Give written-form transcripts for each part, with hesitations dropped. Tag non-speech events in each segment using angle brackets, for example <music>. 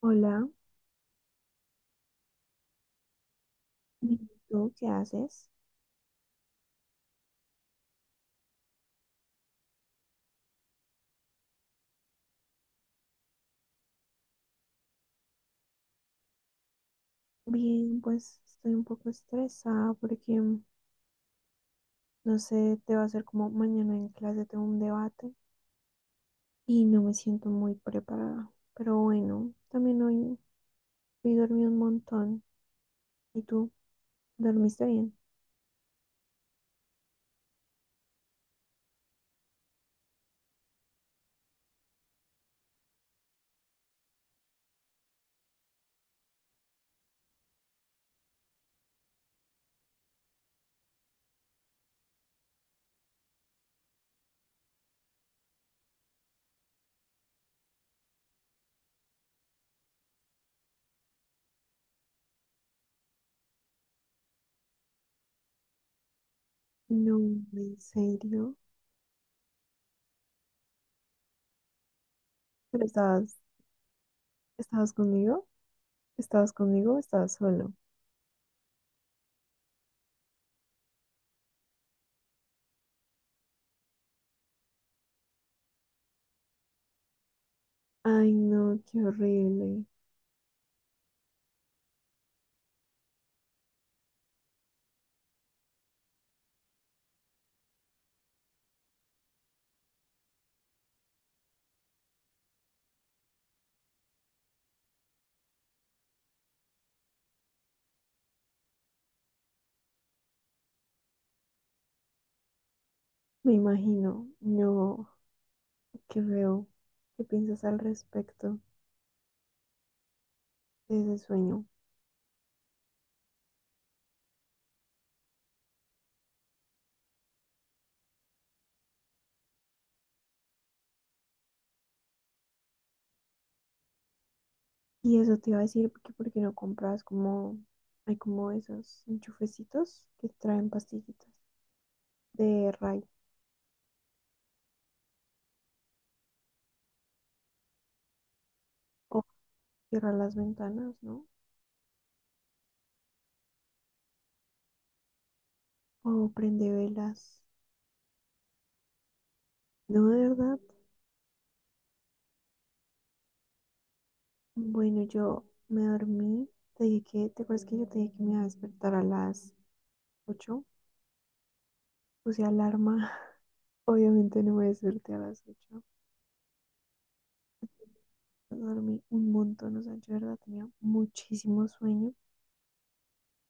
Hola, ¿y tú qué haces? Bien, pues estoy un poco estresada porque, no sé, te va a ser como mañana en clase tengo un debate y no me siento muy preparada. Pero bueno, también hoy dormí un montón. ¿Y tú? ¿Dormiste bien? No, en serio. ¿Pero estabas conmigo? ¿Estabas conmigo o estabas solo? Ay, no, qué horrible. Me imagino. No, qué feo. ¿Qué piensas al respecto de ese sueño? Y eso te iba a decir que por qué no compras como, hay como esos enchufecitos que traen pastillitas de ray, o cierra las ventanas, ¿no? O prende velas. No, de verdad. Bueno, yo me dormí. Te dije que, ¿te acuerdas que yo te dije que me iba a despertar a las 8? Puse alarma. <laughs> Obviamente no me desperté a las ocho. Dormí un montón, o sea, yo de verdad tenía muchísimo sueño.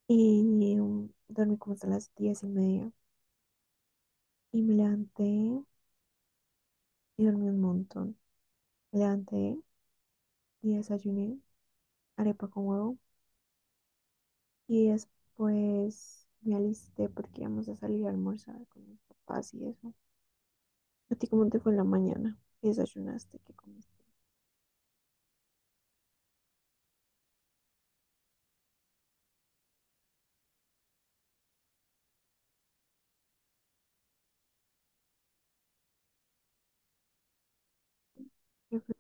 Dormí como hasta las 10:30. Y me levanté y dormí un montón. Me levanté y desayuné arepa con huevo. Y después me alisté porque íbamos a salir a almorzar con mis papás y eso. ¿A ti cómo te fue en la mañana? ¿Qué desayunaste? ¿Qué comiste? ¿Qué fue?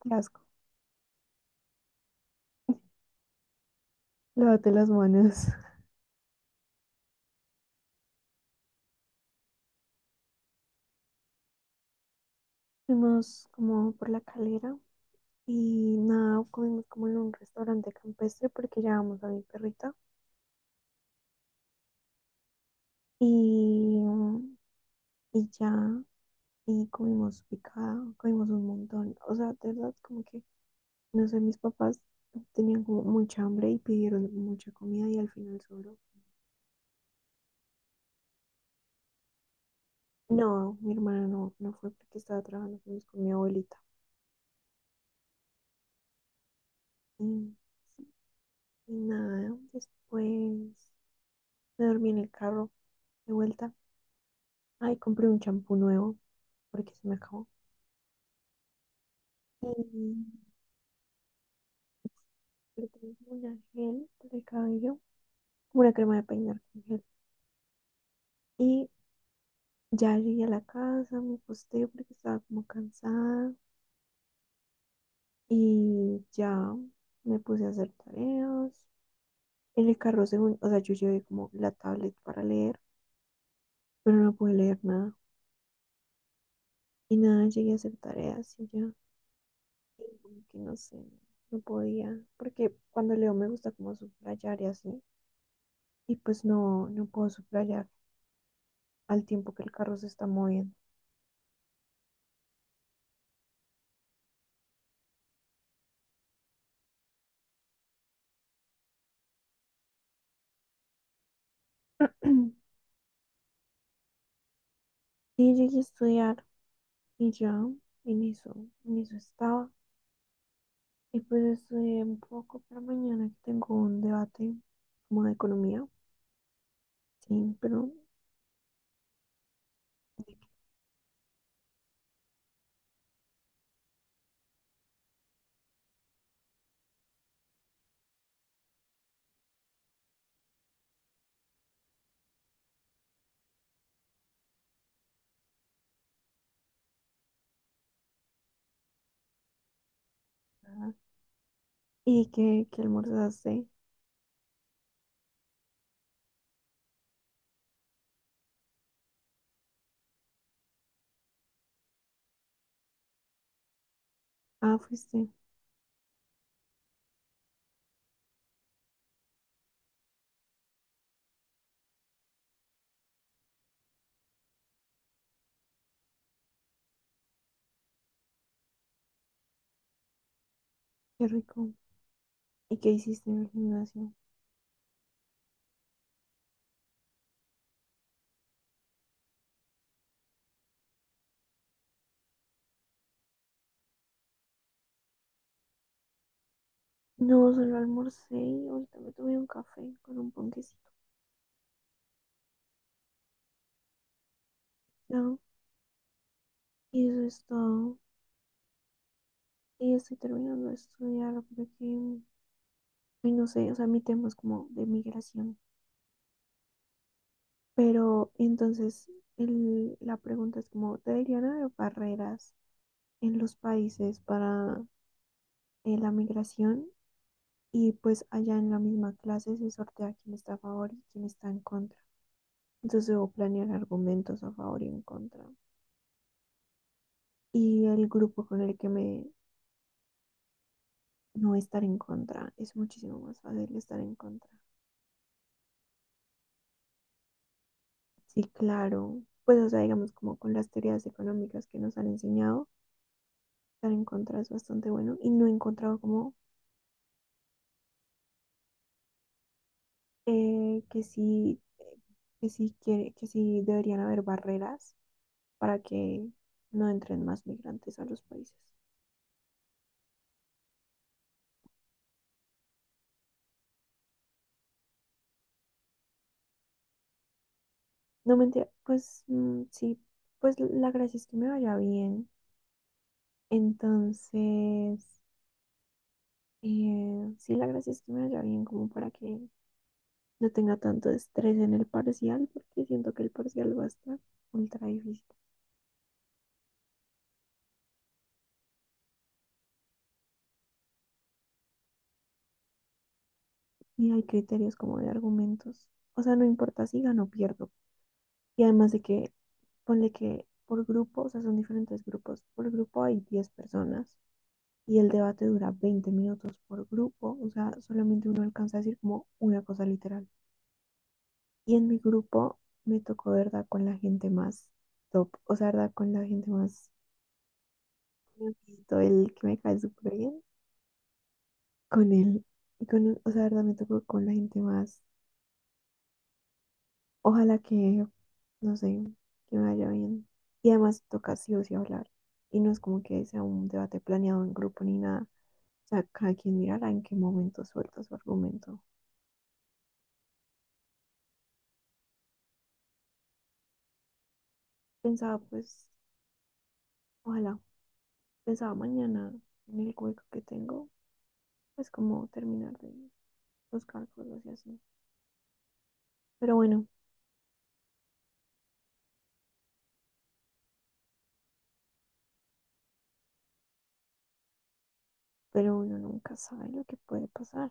Qué asco. <laughs> Lávate las manos. <laughs> Fuimos como por la calera y nada, comimos como en un restaurante campestre porque llevamos a mi perrita. Y, y ya. Y comimos picado, comimos un montón. O sea, de verdad, como que, no sé, mis papás tenían como mucha hambre y pidieron mucha comida y al final solo. No, mi hermana no, no fue porque estaba trabajando, fuimos con mi abuelita. Y, y nada, después me dormí en el carro de vuelta. Ay, compré un champú nuevo porque se me acabó. Y compré una gel para el cabello, como una crema de peinar con gel. Y ya llegué a la casa, me acosté porque estaba como cansada y ya me puse a hacer tareas. En el carro, según, o sea, yo llevé como la tablet para leer, pero no pude leer nada. Y nada, llegué a hacer tareas y ya, y como que no sé, no podía, porque cuando leo me gusta como subrayar y así, y pues no, no puedo subrayar al tiempo que el carro se está moviendo. <clears throat> Y llegué a estudiar y ya, en eso, en eso estaba. Y pues estudié un poco para mañana que tengo un debate como de economía. Sí, pero ¿de qué va? ¿Y qué almorzaste? Ah, fuiste. Qué rico. ¿Y qué hiciste en el gimnasio? No, solo almorcé y ahorita me tomé un café con un ponquecito. Ya, y eso es todo. Y estoy terminando de estudiar porque, ay, no sé, o sea, mi tema es como de migración. Pero entonces la pregunta es como, ¿deberían haber barreras en los países para, la migración? Y pues allá en la misma clase se sortea quién está a favor y quién está en contra. Entonces debo planear argumentos a favor y en contra. Y el grupo con el que me No, estar en contra es muchísimo más fácil, estar en contra. Sí, claro. Pues o sea, digamos como con las teorías económicas que nos han enseñado, estar en contra es bastante bueno y no he encontrado como eh, que sí que sí deberían haber barreras para que no entren más migrantes a los países. No mentira, pues mm, sí, pues la gracia es que me vaya bien. Entonces, sí, la gracia es que me vaya bien como para que no tenga tanto estrés en el parcial, porque siento que el parcial va a estar ultra difícil. Y hay criterios como de argumentos. O sea, no importa si gano o pierdo. Y además de que, ponle que por grupo, o sea, son diferentes grupos. Por grupo hay 10 personas y el debate dura 20 minutos por grupo, o sea, solamente uno alcanza a decir como una cosa literal. Y en mi grupo me tocó, ¿verdad?, con la gente más top, o sea, ¿verdad?, con la gente más, todo el que me cae súper bien, con él, y con él, o sea, ¿verdad?, me tocó con la gente más, ojalá que, no sé, que me vaya bien. Y además toca sí o sí hablar, y no es como que sea un debate planeado en grupo ni nada, o sea, cada quien mirará en qué momento suelta su argumento. Pensaba, pues, ojalá, pensaba mañana en el hueco que tengo, pues como terminar de buscar cosas y así. Pero bueno, pero uno nunca sabe lo que puede pasar.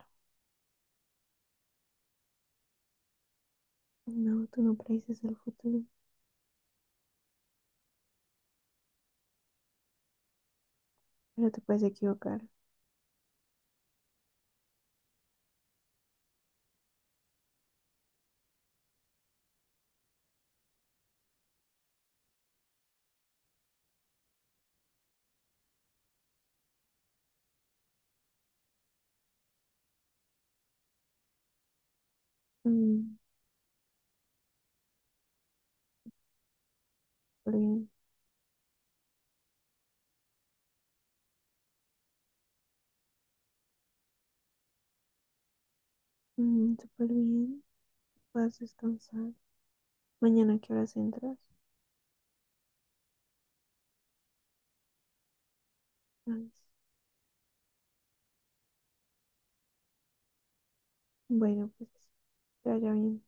No, tú no predices el futuro, pero te puedes equivocar. Mm, súper bien. Mm, súper bien. Puedes descansar. Mañana, ¿a qué horas entras? Nice. Bueno, pues que vaya bien.